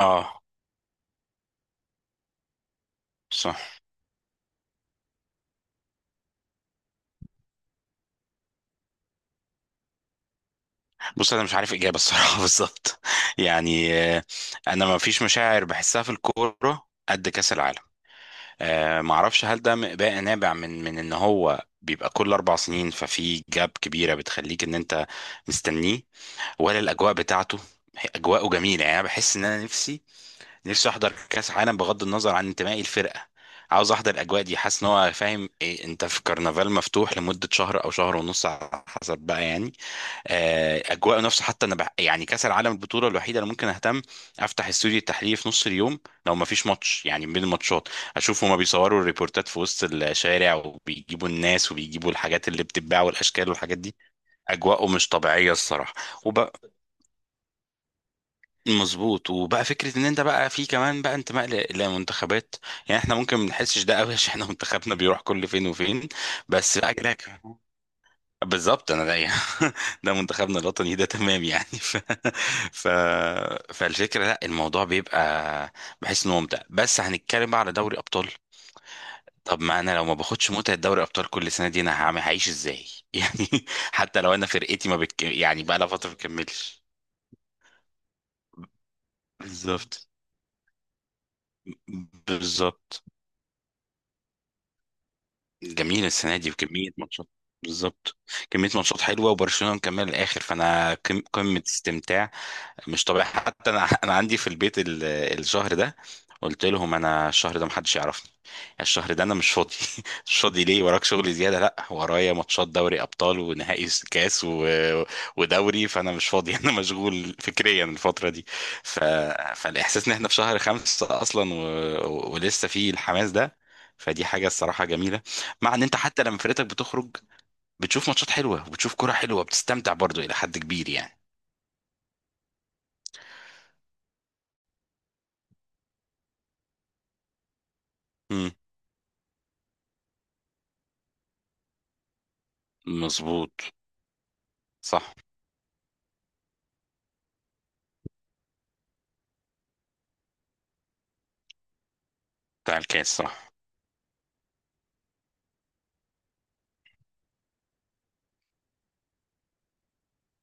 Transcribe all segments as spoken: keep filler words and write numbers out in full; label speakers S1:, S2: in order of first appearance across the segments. S1: اه، صح. بص، انا مش عارف اجابه الصراحه بالظبط. يعني آه، انا ما فيش مشاعر بحسها في الكوره قد كاس العالم. آه ما اعرفش هل ده م- بقى نابع من من ان هو بيبقى كل اربع سنين، ففي جاب كبيره بتخليك ان انت مستنيه، ولا الاجواء بتاعته. هي- اجواءه جميله، يعني انا بحس ان انا نفسي نفسي احضر كاس عالم بغض النظر عن انتمائي الفرقه. عاوز احضر الاجواء دي، حاسس ان هو فاهم إيه، انت في كرنفال مفتوح لمده شهر او شهر ونص على حسب بقى يعني. آه، اجواءه نفسه، حتى انا بح... يعني كاس العالم البطوله الوحيده اللي ممكن اهتم افتح استوديو التحليل في نص اليوم لو ما فيش ماتش يعني بين الماتشات، اشوف هما بيصوروا الريبورتات في وسط الشارع وبيجيبوا الناس وبيجيبوا الحاجات اللي بتتباع والاشكال والحاجات دي. اجواءه مش طبيعيه الصراحه. وبقى مظبوط، وبقى فكره ان انت بقى في كمان بقى انتماء ل- لمنتخبات. يعني احنا ممكن ما نحسش ده قوي عشان احنا منتخبنا بيروح كل فين وفين. بس بقى كده، بالظبط انا ده ده منتخبنا الوطني ده تمام يعني ف... ف... فالفكره لا الموضوع بيبقى، بحس انه ممتع. بس هنتكلم بقى على دوري ابطال. طب ما انا لو ما باخدش متعه دوري ابطال كل سنه دي انا هعمل هعيش ازاي يعني، حتى لو انا فرقتي ما بتك... يعني بقى لها فتره ما بتكملش. بالظبط، بالظبط. جميل السنه دي بكميه ماتشات. بالظبط، كميه ماتشات حلوه وبرشلونه مكمل الاخر، فانا قم- قمه استمتاع مش طبيعي. حتى انا انا عندي في البيت ال- الشهر ده، قلت لهم انا الشهر ده محدش يعرفني. يعني الشهر ده انا مش فاضي مش فاضي ليه، وراك شغل زياده؟ لا، ورايا ماتشات دوري ابطال ونهائي س- كاس و... ودوري، فانا مش فاضي انا مشغول فكريا الفتره دي. ف... فالاحساس ان احنا في شهر خمسة اصلا و... و... ولسه في الحماس ده، فدي حاجه الصراحه جميله. مع ان انت حتى لما فرقتك بتخرج بتشوف ماتشات حلوه وبتشوف كرة حلوه، بتستمتع برضو الى حد كبير يعني. مم. مظبوط. صح. بتاع الكاس صح.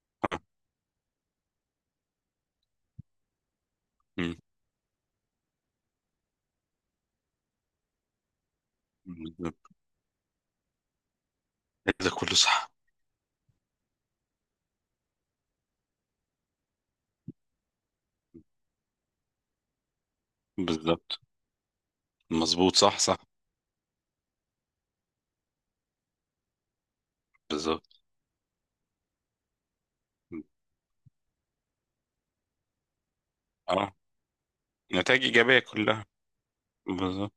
S1: مم. بالظبط. ده كله صح. بالظبط. مظبوط، صح صح. بالظبط. اه، نتائج إيجابية كلها. بالظبط.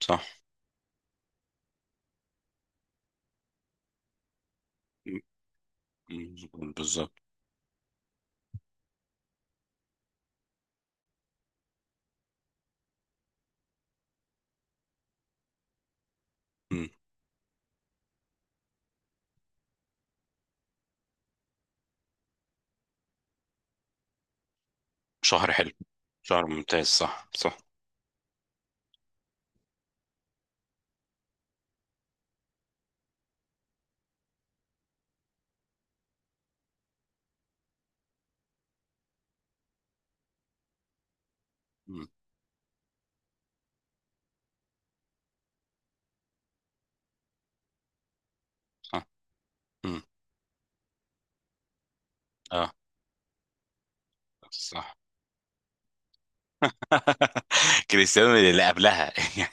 S1: صح. مم. مم. بالظبط. مم. شهر حلو، شهر ممتاز، صح صح. مم. صح. مم. اه، صح. كريستيانو اللي قبلها يعني.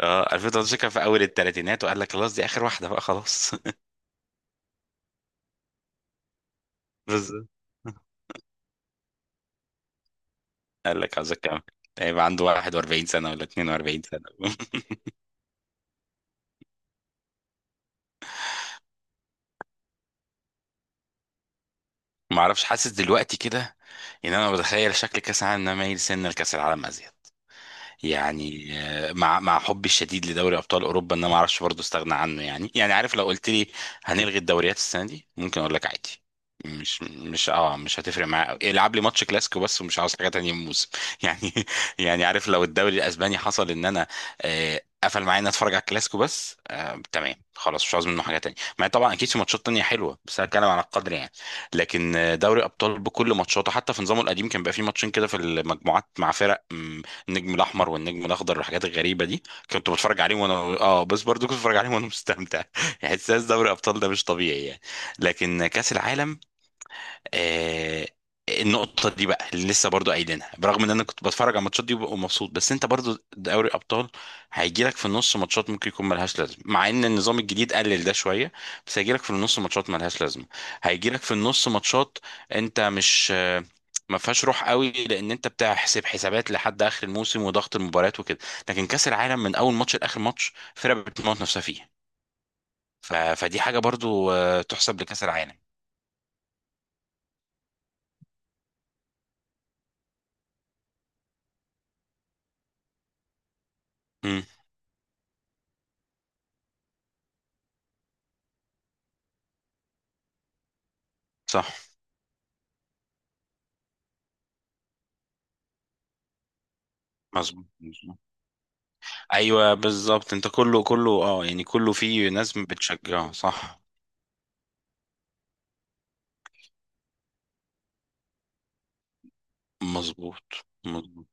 S1: اه، ألفين وتلتاشر كان في اول الثلاثينات وقال لك خلاص دي اخر واحده بقى خلاص. بالظبط. قال لك عاوزك كام؟ هيبقى عنده 41 سنة ولا 42 سنة ما اعرفش، حاسس دلوقتي كده ان انا بتخيل شكل كاس العالم إن انا مايل سنة لكاس العالم ازيد. يعني آه، مع مع حبي الشديد لدوري ابطال اوروبا، ان انا ما اعرفش برضه استغنى عنه يعني. يعني عارف، لو قلت لي هنلغي الدوريات السنه دي، ممكن اقول لك عادي. مش مش اه مش هتفرق معايا أوي. العب لي ماتش كلاسيكو بس، ومش عاوز حاجه تانية من الموسم يعني. يعني عارف، لو الدوري الاسباني حصل ان انا آه، قفل معايا ان اتفرج على الكلاسيكو بس، آه تمام خلاص مش عاوز منه حاجه تانية، مع إن طبعا اكيد في ماتشات تانية حلوه، بس انا بتكلم على القدر يعني. لكن آه، دوري ابطال بكل ماتشاته حتى في نظامه القديم كان بيبقى فيه ماتشين كده في المجموعات مع فرق، النجم الاحمر والنجم الاخضر والحاجات الغريبه دي، كنت بتفرج عليهم وانا، اه بس برضو كنت بتفرج عليهم وانا مستمتع يعني. احساس دوري ابطال ده مش طبيعي يعني. لكن كاس العالم، آه، النقطة دي بقى اللي لسه برضو قايلينها، برغم ان انا كنت بتفرج على الماتشات دي وببقى مبسوط، بس انت برضو دوري ابطال هيجيلك في النص ماتشات ممكن يكون ملهاش لازمة، مع ان النظام الجديد قلل ده شوية، بس هيجيلك في النص ماتشات ملهاش لازمة، هيجيلك في النص ماتشات انت مش آه، ما فيهاش روح قوي، لان انت بتحسب حسابات لحد اخر الموسم وضغط المباريات وكده. لكن كاس العالم من اول ماتش لاخر ماتش فرقة بتموت نفسها فيه. ف... فدي حاجة برضو آه، تحسب لكاس العالم. امم، صح. مظبوط. ايوه بالظبط، انت كله كله اه يعني كله فيه ناس بتشجعه، صح. مظبوط. مظبوط.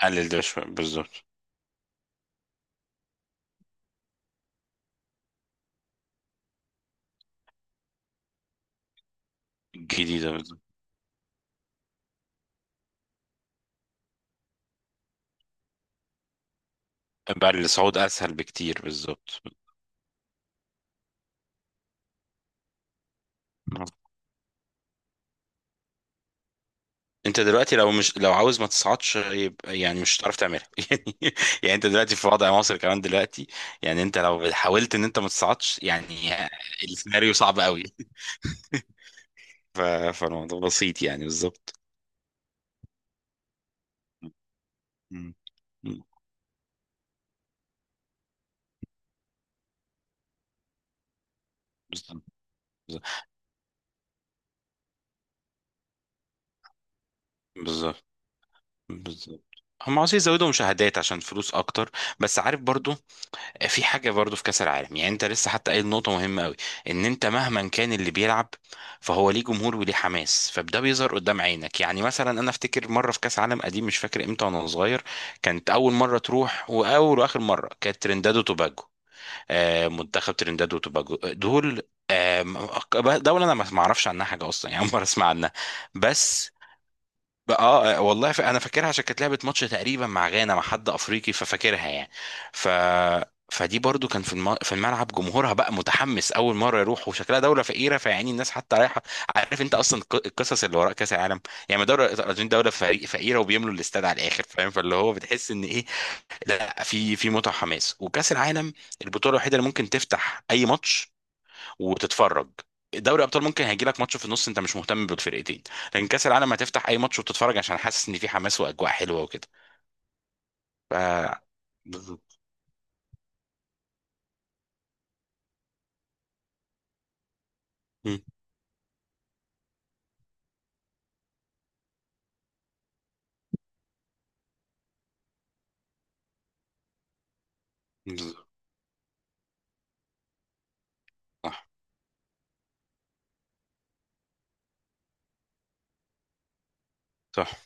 S1: قلل ده شويه بالظبط. الجديده بالظبط. بقى الصعود اسهل بكتير بالظبط. آه. انت دلوقتي لو مش لو عاوز ما تصعدش، يبقى يعني مش هتعرف تعملها يعني. يعني انت دلوقتي في وضع مصر كمان دلوقتي، يعني انت لو حاولت ان انت ما تصعدش يعني، السيناريو صعب قوي. ف- فالموضوع بسيط يعني بالظبط. مم. مم. بالظبط. بالظبط. بالظبط. هم عاوزين يزودوا مشاهدات عشان فلوس اكتر، بس عارف برضو في حاجه برضو في كاس العالم. يعني انت لسه حتى قايل نقطه مهمه قوي، ان انت مهما كان اللي بيلعب فهو ليه جمهور وليه حماس، فده بيظهر قدام عينك. يعني مثلا انا افتكر مره في كاس عالم قديم، مش فاكر امتى وانا صغير، كانت اول مره تروح، واول واخر مره، كانت ترينداد وتوباجو. آه، منتخب ترينداد وتوباجو دول، آه، م- دولة أنا ما ما أعرفش عنها حاجة أصلا يعني، أول مرة أسمع عنها. بس بقى اه، آه، والله، ف... انا فاكرها عشان كانت لعبه ماتش تقريبا مع غانا مع حد افريقي، ففاكرها يعني. ف فدي برضو كان في الم... في الملعب جمهورها بقى متحمس اول مره يروح، وشكلها دوله فقيره، فيعني الناس حتى رايحه. عارف انت اصلا الق- القصص اللي وراء كاس العالم. يعني ما دوله الارجنتين دوله فريق فقيره، وبيملوا الاستاد على الاخر، فاهم، فاللي هو بتحس ان ايه؟ لا، في في متعه وحماس، وكاس العالم البطوله الوحيده اللي ممكن تفتح اي ماتش وتتفرج. دوري ابطال ممكن هيجي لك ماتش في النص انت مش مهتم بالفرقتين، لكن كاس العالم هتفتح اي ماتش وتتفرج عشان حاسس ان في حماس واجواء حلوه وكده. ف بالظبط. مم. بالظبط. صح صح.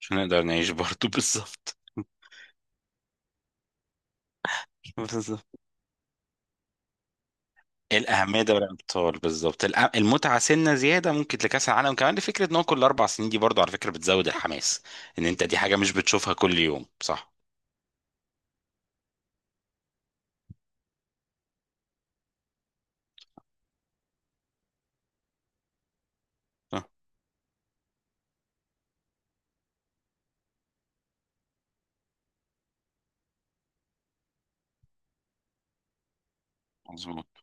S1: عشان نقدر نعيش برضه بالظبط. بالظبط. الأهمية دوري الأبطال بالظبط. الأ- المتعة سنة زيادة ممكن لكأس العالم كمان، لفكرة إن هو كل أربع سنين دي برضه على فكرة بتزود الحماس، إن أنت دي حاجة مش بتشوفها كل يوم، صح؟ صح، مظبوط.